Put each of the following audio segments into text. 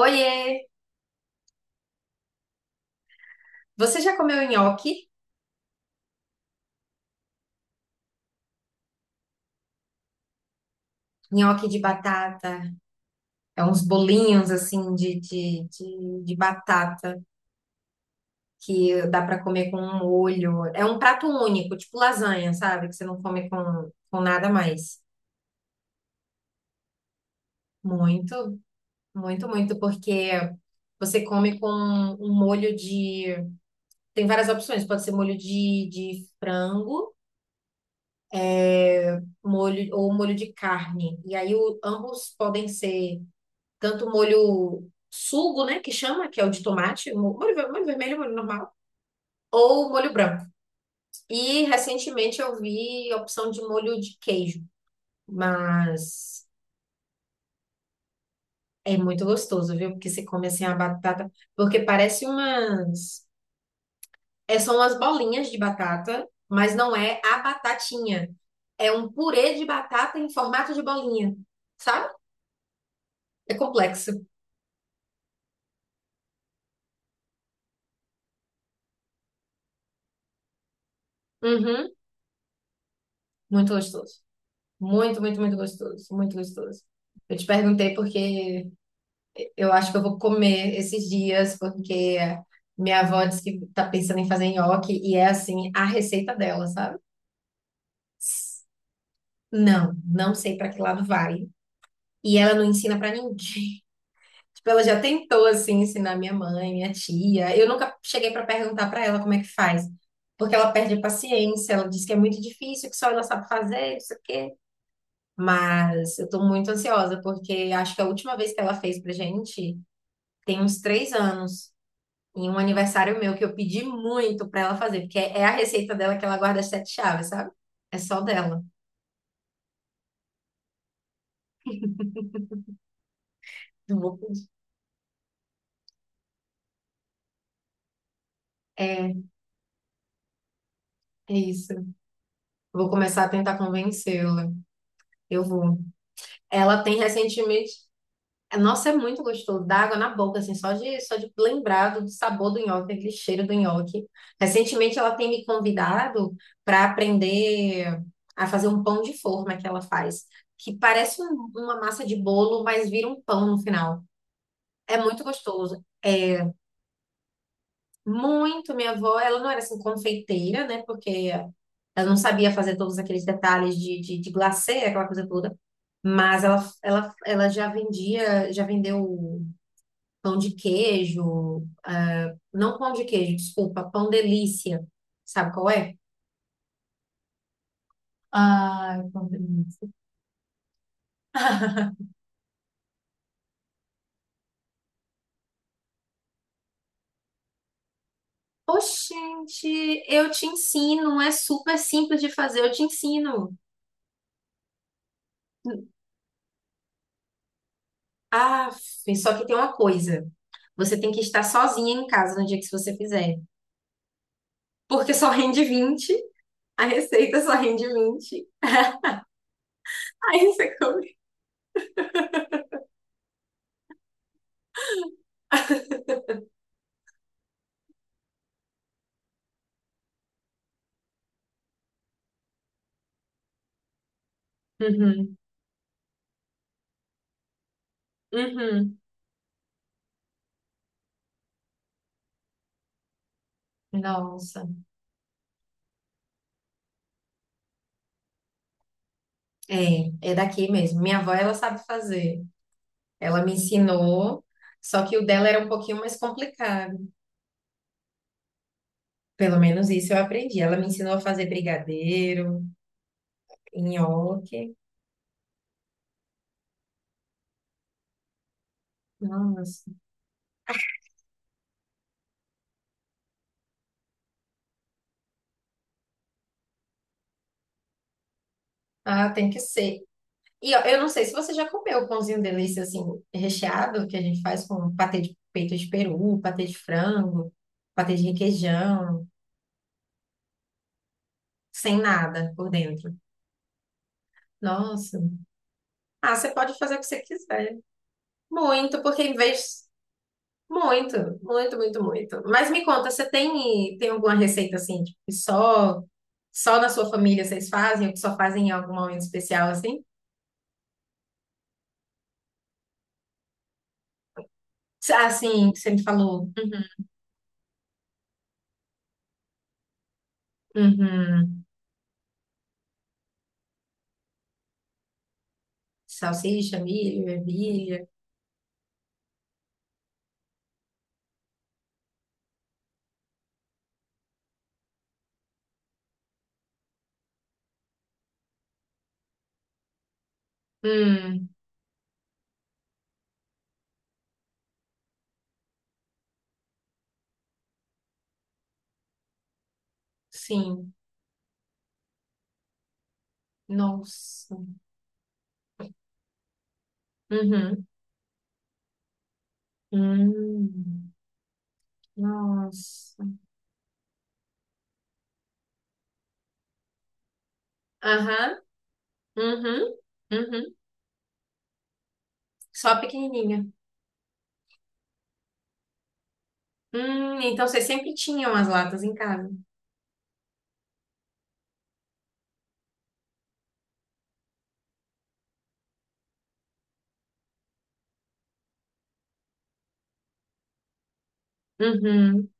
Oiê! Você já comeu nhoque? Nhoque de batata. É uns bolinhos assim de batata que dá pra comer com um molho. É um prato único, tipo lasanha, sabe? Que você não come com nada mais. Muito, muito, muito, porque você come com um molho de. Tem várias opções, pode ser molho de frango, molho ou molho de carne. E aí ambos podem ser. Tanto molho sugo, né, que chama, que é o de tomate, molho, molho vermelho, molho normal, ou molho branco. E recentemente eu vi a opção de molho de queijo, mas é muito gostoso, viu? Porque você come assim a batata, porque parece umas, são umas bolinhas de batata, mas não é a batatinha. É um purê de batata em formato de bolinha, sabe? É complexo. Uhum, muito gostoso. Muito, muito, muito gostoso. Muito gostoso. Eu te perguntei porque eu acho que eu vou comer esses dias, porque minha avó disse que tá pensando em fazer nhoque e é assim, a receita dela, sabe? Não, não sei para que lado vai. E ela não ensina para ninguém. Tipo, ela já tentou assim ensinar minha mãe, minha tia. Eu nunca cheguei para perguntar para ela como é que faz, porque ela perde a paciência, ela diz que é muito difícil, que só ela sabe fazer, isso aqui. Mas eu tô muito ansiosa, porque acho que a última vez que ela fez pra gente tem uns 3 anos, em um aniversário meu, que eu pedi muito pra ela fazer, porque é a receita dela que ela guarda as sete chaves, sabe? É só dela. Eu vou pedir. É isso. Vou começar a tentar convencê-la. Eu vou. Ela tem recentemente. Nossa, é muito gostoso. Dá água na boca, assim, só de lembrar do sabor do nhoque, aquele cheiro do nhoque. Recentemente ela tem me convidado para aprender a fazer um pão de forma que ela faz, que parece uma massa de bolo, mas vira um pão no final. É muito gostoso. É muito. Minha avó, ela não era assim confeiteira, né? Porque ela não sabia fazer todos aqueles detalhes de glacê, aquela coisa toda. Mas ela, ela já vendia, já vendeu. Pão de queijo, ah, não pão de queijo, desculpa, pão delícia. Sabe qual é? Ai, pão delícia. Deus. Oxente, eu te ensino, é super simples de fazer, eu te ensino. Ah, só que tem uma coisa. Você tem que estar sozinha em casa no dia que você fizer. Porque só rende 20, a receita só rende 20. Aí você come. Uhum, uhum. Nossa. É, é daqui mesmo. Minha avó, ela sabe fazer. Ela me ensinou, só que o dela era um pouquinho mais complicado. Pelo menos isso eu aprendi. Ela me ensinou a fazer brigadeiro, nhoque. Nossa. Ah, tem que ser. E ó, eu não sei se você já comeu o pãozinho delícia assim, recheado, que a gente faz com patê de peito de peru, patê de frango, patê de requeijão, sem nada por dentro. Nossa. Ah, você pode fazer o que você quiser. Muito, porque em vez muito, muito, muito, muito. Mas me conta, você tem alguma receita assim, tipo, que só na sua família vocês fazem, ou que só fazem em algum momento especial assim? Ah, sim, que você me falou. Uhum, uhum. Salsicha, milho, ervilha. Hum, sim. Nossa. Uhum. Hum, nossa. Aham. Uhum. Uhum. Só a pequenininha. Então vocês sempre tinham as latas em casa. Uhum.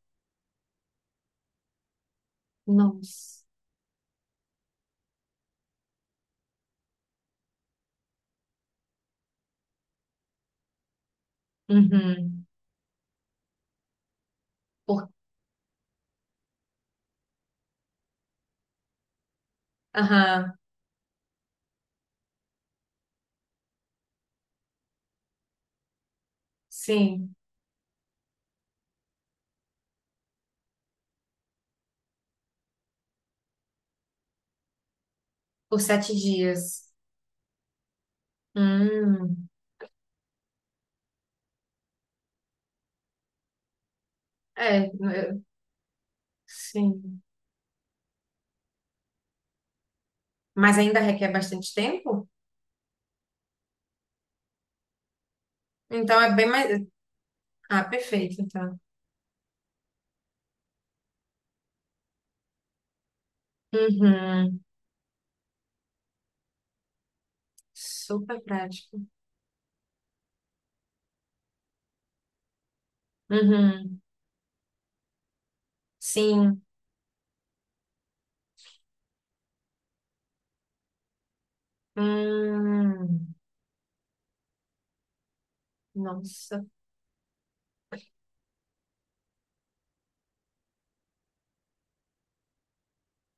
Nossa. Uhum. Por, aham, sim, por 7 dias. Hum, é, eu- sim. Mas ainda requer bastante tempo? Então é bem mais. Ah, perfeito, então. Uhum, super prático. Uhum, sim. Hum, nossa.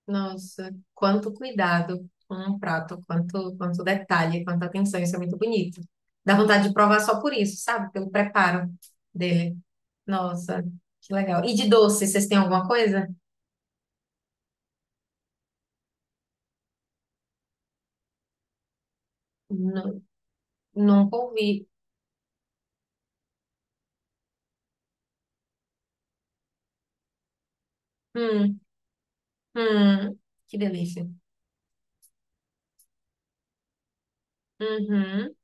Nossa, quanto cuidado com um prato, quanto, quanto detalhe, quanta atenção, isso é muito bonito. Dá vontade de provar só por isso, sabe? Pelo preparo dele. Nossa, que legal. E de doce, vocês têm alguma coisa? Nu- nunca ouvi. Hum, hum, que delícia. Uhum,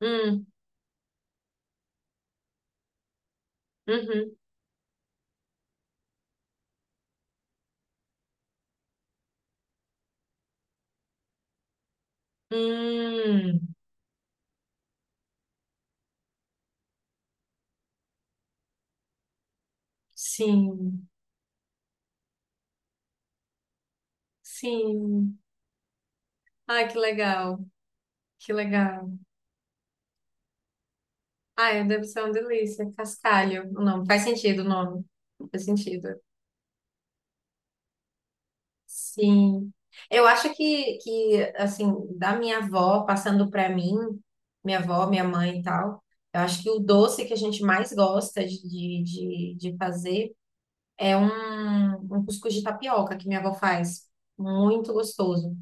hum, uhum, hum. Sim, sim. Ai, que legal, que legal. Ai, deve ser uma delícia. Cascalho, o nome. Faz sentido o nome. Faz sentido. Sim. Eu acho que assim, da minha avó passando para mim, minha avó, minha mãe e tal, eu acho que o doce que a gente mais gosta de, de fazer é um cuscuz de tapioca que minha avó faz. Muito gostoso.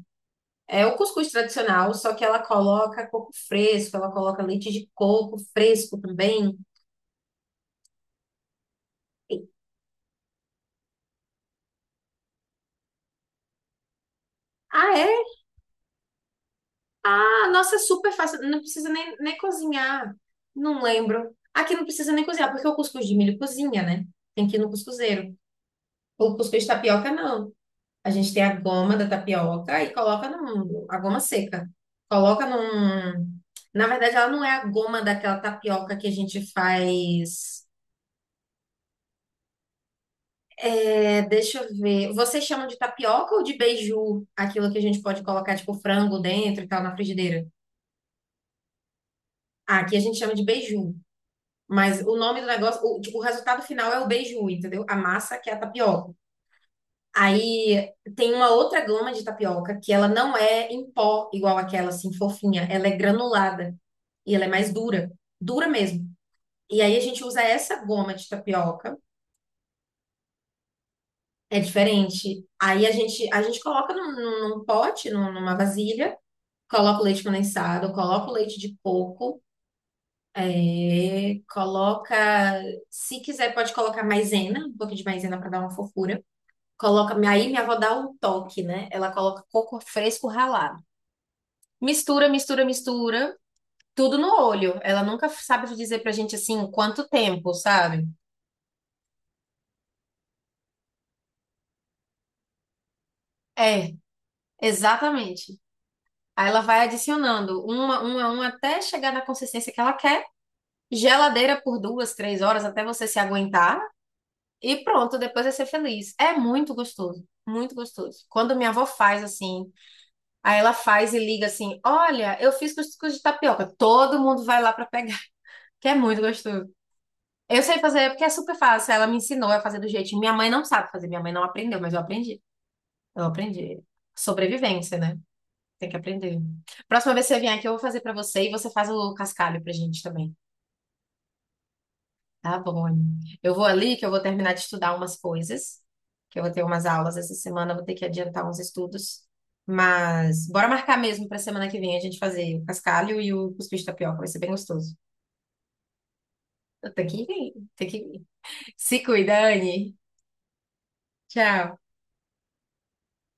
É o cuscuz tradicional, só que ela coloca coco fresco, ela coloca leite de coco fresco também. Ah, é Ah, nossa é super fácil, não precisa nem, nem cozinhar. Não lembro. Aqui não precisa nem cozinhar, porque o cuscuz de milho cozinha, né? Tem que ir no cuscuzeiro. O cuscuz de tapioca, não. A gente tem a goma da tapioca e coloca num, a goma seca. Coloca num. Na verdade, ela não é a goma daquela tapioca que a gente faz. É, deixa eu ver. Vocês chamam de tapioca ou de beiju? Aquilo que a gente pode colocar, tipo, frango dentro e tal, na frigideira? Ah, aqui a gente chama de beiju. Mas o nome do negócio, o, tipo, o resultado final é o beiju, entendeu? A massa que é a tapioca. Aí tem uma outra goma de tapioca que ela não é em pó igual aquela assim fofinha, ela é granulada e ela é mais dura, dura mesmo. E aí a gente usa essa goma de tapioca, é diferente. Aí a gente coloca num pote, numa vasilha, coloca o leite condensado, coloca o leite de coco, coloca, se quiser pode colocar maisena, um pouquinho de maisena para dar uma fofura. Coloca, aí minha avó dá um toque, né? Ela coloca coco fresco ralado. Mistura, mistura, mistura. Tudo no olho. Ela nunca sabe dizer pra gente assim quanto tempo, sabe? É, exatamente. Aí ela vai adicionando uma até chegar na consistência que ela quer. Geladeira por 2, 3 horas até você se aguentar. E pronto, depois é ser feliz. É muito gostoso, muito gostoso. Quando minha avó faz assim, aí ela faz e liga assim: olha, eu fiz cuscuz de tapioca. Todo mundo vai lá pra pegar. Que é muito gostoso. Eu sei fazer porque é super fácil. Ela me ensinou a fazer do jeitinho. Minha mãe não sabe fazer, minha mãe não aprendeu, mas eu aprendi. Eu aprendi. Sobrevivência, né? Tem que aprender. Próxima vez que você vier aqui, eu vou fazer pra você e você faz o cascalho pra gente também. Tá bom, Anny? Eu vou ali que eu vou terminar de estudar umas coisas, que eu vou ter umas aulas essa semana, eu vou ter que adiantar uns estudos. Mas bora marcar mesmo pra semana que vem a gente fazer o cascalho e o cuscuz de tapioca, vai ser bem gostoso. Tem que ir, tem que ir. Se cuida, Anne. Tchau.